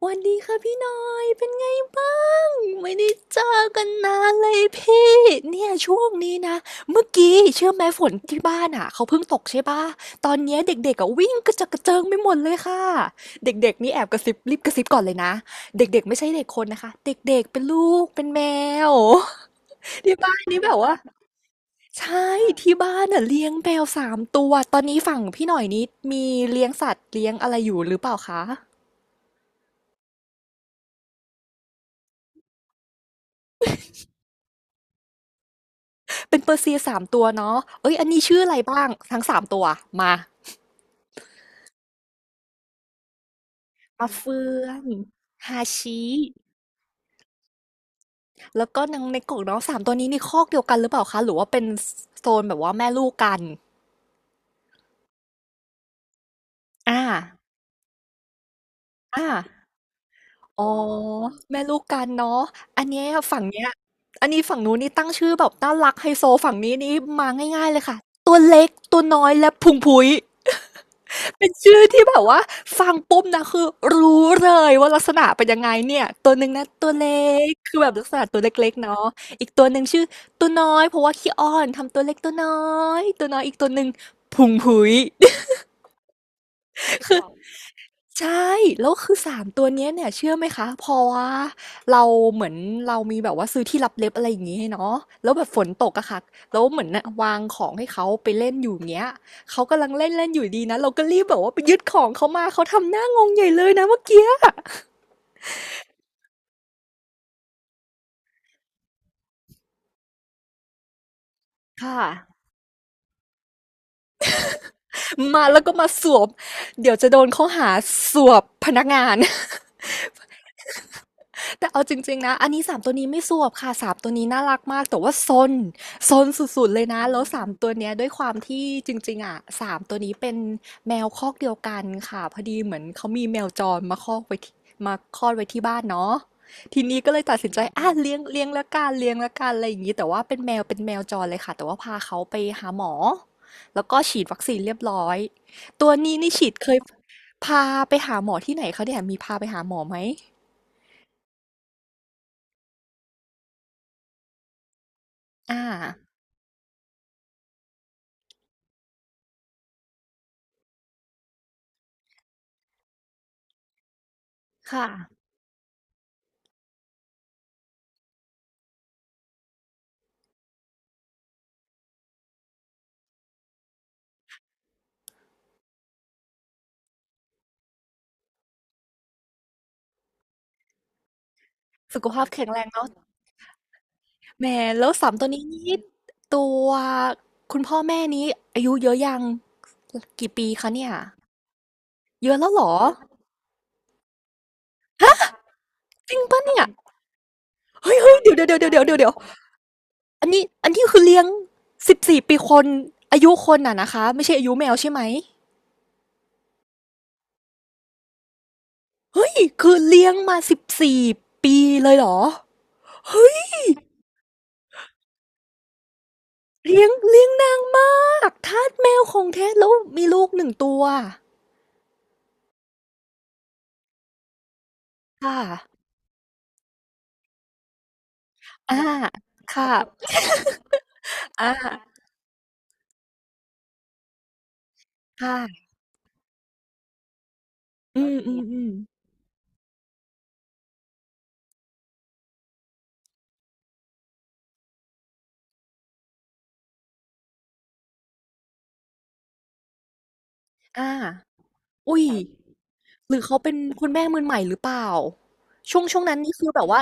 สวัสดีค่ะพี่หน่อยเป็นไงบ้างไม่ได้เจอกันนานเลยพี่เนี่ยช่วงนี้นะเมื่อกี้เชื่อไหมฝนที่บ้านอ่ะเขาเพิ่งตกใช่ป่ะตอนเนี้ยเด็กๆอ่ะวิ่งกระเจิดกระเจิงไปหมดเลยค่ะเด็กๆนี่แอบกระซิบรีบกระซิบก่อนเลยนะเด็กๆไม่ใช่เด็กคนนะคะเด็กๆเป็นลูกเป็นแมว ที่บ้านนี่แบบว่าใช่ที่บ้านอ่ะเลี้ยงแมวสามตัวตอนนี้ฝั่งพี่หน่อยนี้มีเลี้ยงสัตว์เลี้ยงอะไรอยู่หรือเปล่าคะ เป็นเปอร์เซียสามตัวเนาะเอ้ย อันนี้ชื่ออะไรบ้างทั้งสามตัวมามาเฟืองฮาชิแล้วก็นางในกกเนาะสามตัวนี้นี่คอกเดียวกันหรือเปล่าคะ หรือว่าเป็นโซนแบบว่าแม่ลูกกัน อ่า อ่า อ๋อแม่ลูกกันเนาะอันเนี้ยฝั่งเนี้ยอันนี้ฝั่งนู้นนี่ตั้งชื่อแบบน่ารักไฮโซฝั่งนี้นี่มาง่ายๆเลยค่ะตัวเล็กตัวน้อยและพุงพุ้ย เป็นชื่อที่แบบว่าฟังปุ๊บนะคือรู้เลยว่าลักษณะเป็นยังไงเนี่ยตัวหนึ่งนะตัวเล็กคือแบบลักษณะตัวเล็กๆเนาะอีกตัวหนึ่งชื่อตัวน้อยเพราะว่าขี้อ้อนทำตัวเล็กตัวน้อยอีกตัวหนึ่งพุงพุ้ย ใช่แล้วคือสามตัวเนี่ยเชื่อไหมคะพอว่าเราเหมือนเรามีแบบว่าซื้อที่ลับเล็บอะไรอย่างงี้ให้เนาะแล้วแบบฝนตกอะค่ะแล้วเหมือนน่ะวางของให้เขาไปเล่นอยู่อย่างเงี้ยเขากำลังเล่นๆอยู่ดีนะเราก็รีบแบบว่าไปยึดของเขามาเขาทำหน้างงใหญ่เลยนะเมื่อกี้อะค่ะมาแล้วก็มาสวมเดี๋ยวจะโดนข้อหาสวบพนักงาน แต่เอาจริงๆนะอันนี้สามตัวนี้ไม่สวบค่ะสามตัวนี้น่ารักมากแต่ว่าซนสุดๆเลยนะแล้วสามตัวเนี้ยด้วยความที่จริงๆอ่ะสามตัวนี้เป็นแมวคอกเดียวกันค่ะพอดีเหมือนเขามีแมวจรมาคอกไว้ที่มาคลอดไว้ที่บ้านเนาะทีนี้ก็เลยตัดสินใจอ่ะเลี้ยงเลี้ยงละกันเลี้ยงละกันอะไรอย่างนี้แต่ว่าเป็นแมวจรเลยค่ะแต่ว่าพาเขาไปหาหมอแล้วก็ฉีดวัคซีนเรียบร้อยตัวนี้นี่ฉีดเคยพาไปหาหมอที่ไหนเขาเนี่ยมีพาไปหาหมอไหมอ่า ค่ะสุขภาพแข็งแรงเนาะแหมแล้วสามตัวนี้นี่ตัวคุณพ่อแม่นี้อายุเยอะยังกี่ปีคะเนี่ยเยอะแล้วเหรอจริงปะเนี่ยเฮ้ยเฮ้ยเดี๋ยวเดี๋ยวเดี๋ยวเดี๋ยวเดี๋ยวเดี๋ยวอันนี้คือเลี้ยง14ปีคนอายุคนอะนะคะไม่ใช่อายุแมวใช่ไหมเฮ้ยคือเลี้ยงมาสิบสี่ปีเลยเหรอเฮ้ยเลี้ยงเลี้ยงนางมากทาสแมวของแท้แล้วมีลูกหนึ่งตัวค่ะอาค่ะอา ค่ะอืโอมเคอมอืมอ่าอุ๊ยหรือเขาเป็นคุณแม่มือใหม่หรือเปล่าช่วงนั้นนี่คือแบบว่า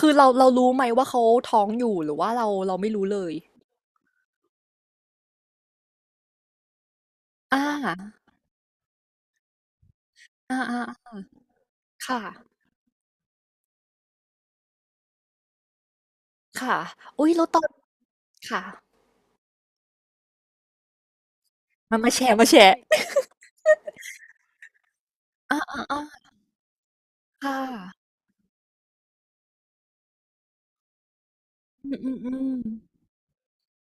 คือเรารู้ไหมว่าเขาท้องอยู่หรือว่าเราไม่รู้เลยอาอาอ่าค่ะค่ะอุ๊ยแล้วตอนค่ะมามาแชร์อาอ่าอ่าค่ะอืมอืมอืม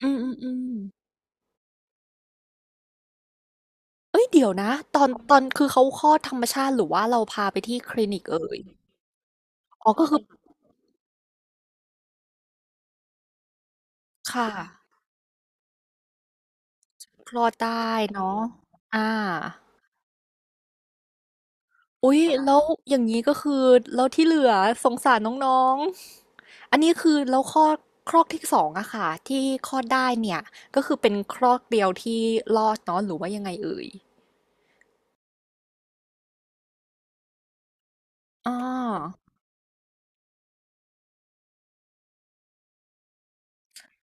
อืมอืมอืมเดี๋ยวนะตอนคือเขาคลอดธรรมชาติหรือว่าเราพาไปที่คลินิกเอ่ยอ๋อก็คือค่ะคลอดได้เนาะอา อุ๊ยแล้วอย่างนี้ก็คือแล้วที่เหลือสงสารน้องๆอันนี้คือแล้วคลอดคลอกที่สองอะค่ะที่คลอดได้เนี่ยก็คือเป็นคลอกเดียวที่รอดเนาะหรือว่ายังไงเอ่ยอ๋อ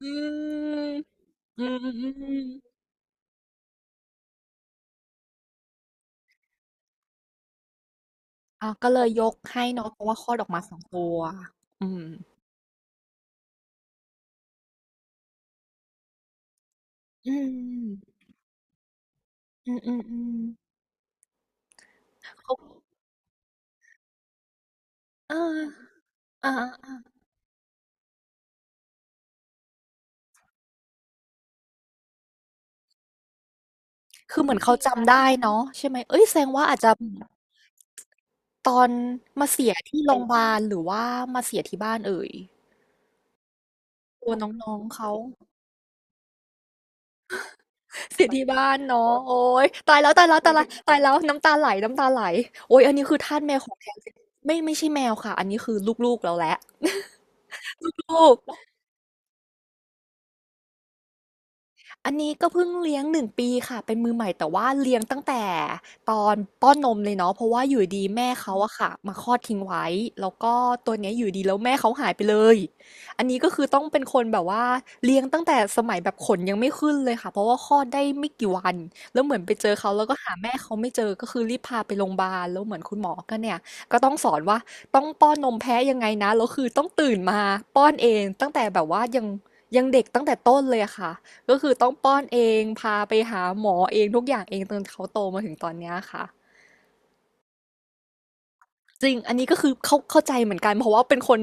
อืมอืมอืมอืมอ่ะก็เลยยกให้เนาะเพราะว่าคลอดออกมาสองตัวอืมอืมอืมอืมอืมเขาอ่าอ่าอ่าอ่าคือเหมือนเขาจำได้เนาะใช่ไหมเอ้ยแสดงว่าอาจจะ ตอนมาเสียที่โรงพยาบาลหรือว่ามาเสียที่บ้านเอ่ยตัวน้องๆเขาเสียที่บ้านเนาะโอ๊ยตายแล้วตายแล้วตายแล้วตายแล้วน้ำตาไหลโอ๊ยอันนี้คือทาสแมวของแท้ไม่ใช่แมวค่ะอันนี้คือลูกๆเราแล้วลูก อันนี้ก็เพิ่งเลี้ยง1ปีค่ะเป็นมือใหม่แต่ว่าเลี้ยงตั้งแต่ตอนป้อนนมเลยเนาะเพราะว่าอยู่ดีแม่เขาอะค่ะมาคลอดทิ้งไว้แล้วก็ตัวเนี้ยอยู่ดีแล้วแม่เขาหายไปเลยอันนี้ก็คือต้องเป็นคนแบบว่าเลี้ยงตั้งแต่สมัยแบบขนยังไม่ขึ้นเลยค่ะเพราะว่าคลอดได้ไม่กี่วันแล้วเหมือนไปเจอเขาแล้วก็หาแม่เขาไม่เจอก็คือรีบพาไปโรงพยาบาลแล้วเหมือนคุณหมอก็เนี่ยก็ต้องสอนว่าต้องป้อนนมแพ้ยังไงนะแล้วคือต้องตื่นมาป้อนเองตั้งแต่แบบว่ายังเด็กตั้งแต่ต้นเลยอะค่ะ ก็คือต้องป้อนเอง พาไปหาหมอเองทุกอย่างเองจนเขาโตมาถึงตอนเนี้ยค่ะจริงอันนี้ก็คือเข้าใจเหมือนกันเพราะว่าเป็นคน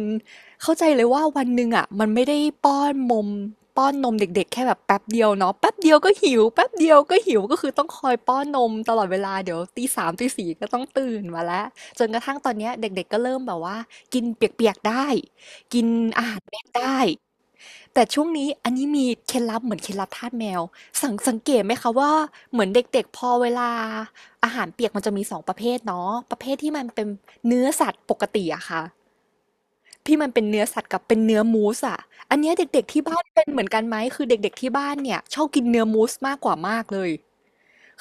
เข้าใจเลยว่าวันหนึ่งอ่ะมันไม่ได้ป้อนมมป้อนนมเด็กๆแค่แบบแป๊บเดียวเนาะแป๊บเดียวก็หิวแป๊บเดียวก็หิวก็คือต้องคอยป้อนนมตลอดเวลาเดี๋ยวตีสามตีสี่ก็ต้องตื่นมาแล้วจนกระทั่งตอนเนี้ยเด็กๆก็เริ่มแบบว่ากินเปียกๆได้กินอาหารเม็ดได้ แต่ช่วงนี้อันนี้มีเคล็ดลับเหมือนเคล็ดลับทาสแมวสังเกตไหมคะว่าเหมือนเด็กๆพอเวลาอาหารเปียกมันจะมีสองประเภทเนาะประเภทที่มันเป็นเนื้อสัตว์ปกติอะค่ะที่มันเป็นเนื้อสัตว์กับเป็นเนื้อมูสอะอันเนี้ยเด็กๆที่บ้านเป็นเหมือนกันไหมคือเด็กๆที่บ้านเนี่ยชอบกินเนื้อมูสมากกว่ามากเลย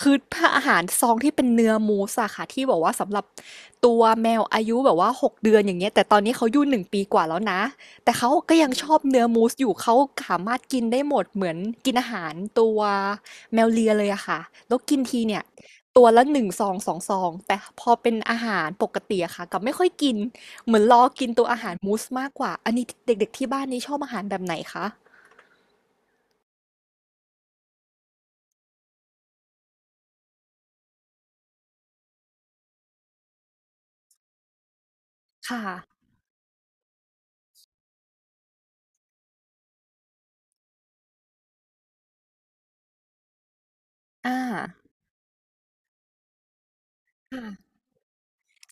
คือถ้าอาหารซองที่เป็นเนื้อมูสอะค่ะที่บอกว่าสำหรับตัวแมวอายุแบบว่าหกเดือนอย่างเงี้ยแต่ตอนนี้เขาอายู่หนึ่งปีกว่าแล้วนะแต่เขาก็ยังชอบเนื้อมูสอยู่เขาสามารถกินได้หมดเหมือนกินอาหารตัวแมวเลียเลยอะค่ะแล้วกินทีเนี่ยตัวละหนึ่งซองสองซองแต่พอเป็นอาหารปกติอะค่ะกับไม่ค่อยกินเหมือนรอกินตัวอาหารมูสมากกว่าอันนี้เด็กๆที่บ้านนี้ชอบอาหารแบบไหนคะค่ะอ่า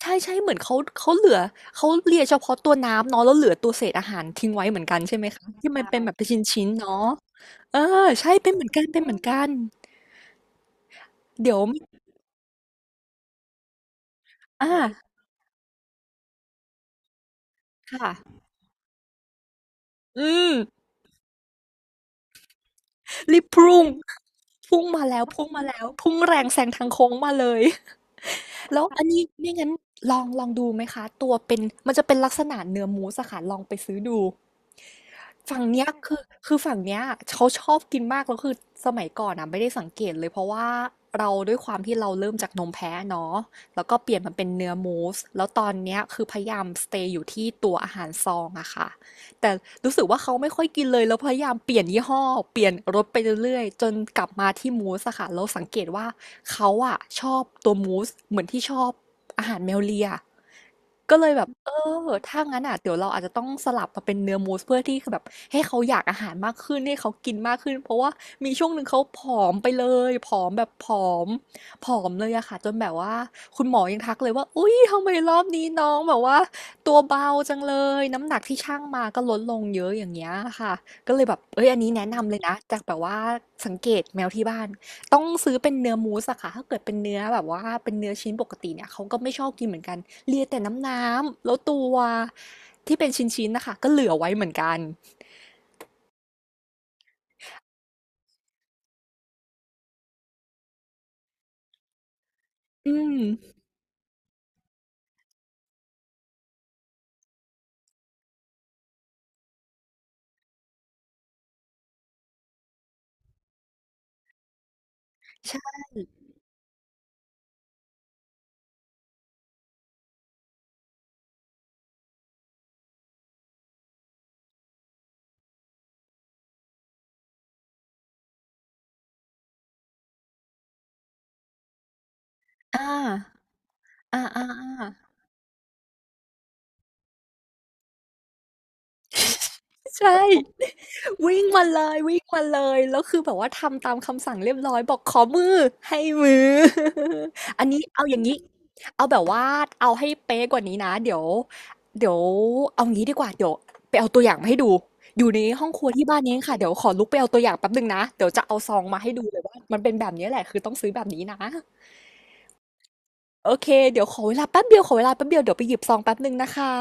ใช่ใช่เหมือนเขาเหลือเขาเลียเฉพาะตัวน้ำเนาะแล้วเหลือตัวเศษอาหารทิ้งไว้เหมือนกันใช่ไหมคะที่มันเป็นแบบเป็นชิ้นๆเนาะเออใช่เป็นเหมือนกันเป็นเหมือนกันเดี๋ยวอ่าค่ะอืมรีบพุ่งพุ่งมาแล้วพุ่งมาแล้วพุ่งแรงแซงทางโค้งมาเลยแล้วอันนี้ไม่งั้นลองดูไหมคะตัวเป็นมันจะเป็นลักษณะเนื้อมูสอะค่ะลองไปซื้อดู ฝั่งเนี้ยคือคือฝั่งเนี้ยเขาชอบกินมากแล้วคือสมัยก่อนอ่ะไม่ได้สังเกตเลยเพราะว่าเราด้วยความที่เราเริ่มจากนมแพะเนาะแล้วก็เปลี่ยนมาเป็นเนื้อมูสแล้วตอนเนี้ยคือพยายามสเตย์อยู่ที่ตัวอาหารซองอะค่ะแต่รู้สึกว่าเขาไม่ค่อยกินเลยแล้วพยายามเปลี่ยนยี่ห้อเปลี่ยนรสไปเรื่อยๆจนกลับมาที่มูสอะค่ะแล้วสังเกตว่าเขาอะชอบตัวมูสเหมือนที่ชอบอาหารแมวเลีย ก็เลยแบบเออถ้างั้นอ่ะเดี๋ยวเราอาจจะต้องสลับมาเป็นเนื้อมูสเพื่อที่คือแบบให้เขาอยากอาหารมากขึ้นให้เขากินมากขึ้นเพราะว่ามีช่วงหนึ่งเขาผอมไปเลยผอมแบบมผอมเลยอะค่ะจนแบบว่าคุณหมอยังทักเลยว่าอุ๊ยทำไมรอบนี้น้องแบบว่าตัวเบาจังเลยน้ำหนักที่ชั่งมาก็ลดลงเยอะอย่างเงี้ยค่ะก็เลยแบบเอ้ยอันนี้แนะนำเลยนะจากแบบว่าสังเกตแมวที่บ้าน ต้องซื้อเป็นเนื้อมูสอะค่ะถ้าเกิดเป็นเนื้อแบบว่าเป็นเนื้อชิ้นปกติเนี่ยเขาก็ไม่ชอบกินเหมือนกันเลียแต่น้ำแล้วตัวที่เป็นชิ้นๆนะคะก็เหลือไว้เหมือนกันอืมใช่อ่าอ่าอ่าอ่าใช่ วิ่งมาเลยวิ่งมาเลยแล้วคือแบบว่าทำตามคำสั่งเรียบร้อยบอกขอมือให้มือ อันนี้เอาอย่างนี้เอาแบบว่าเอาให้เป๊ะกว่านี้นะเดี๋ยวเอางี้ดีกว่าเดี๋ยวไปเอาตัวอย่างมาให้ดูอยู่ในห้องครัวที่บ้านนี้เองค่ะเดี๋ยวขอลุกไปเอาตัวอย่างแป๊บหนึ่งนะเดี๋ยวจะเอาซองมาให้ดูเลยว่ามันเป็นแบบนี้แหละคือต้องซื้อแบบนี้นะโอเคเดี๋ยวขอเวลาแป๊บเดียวขอเวลาแป๊บเดียวเดี๋ยวไปหยิบซองแป๊บหนึ่งนะคะ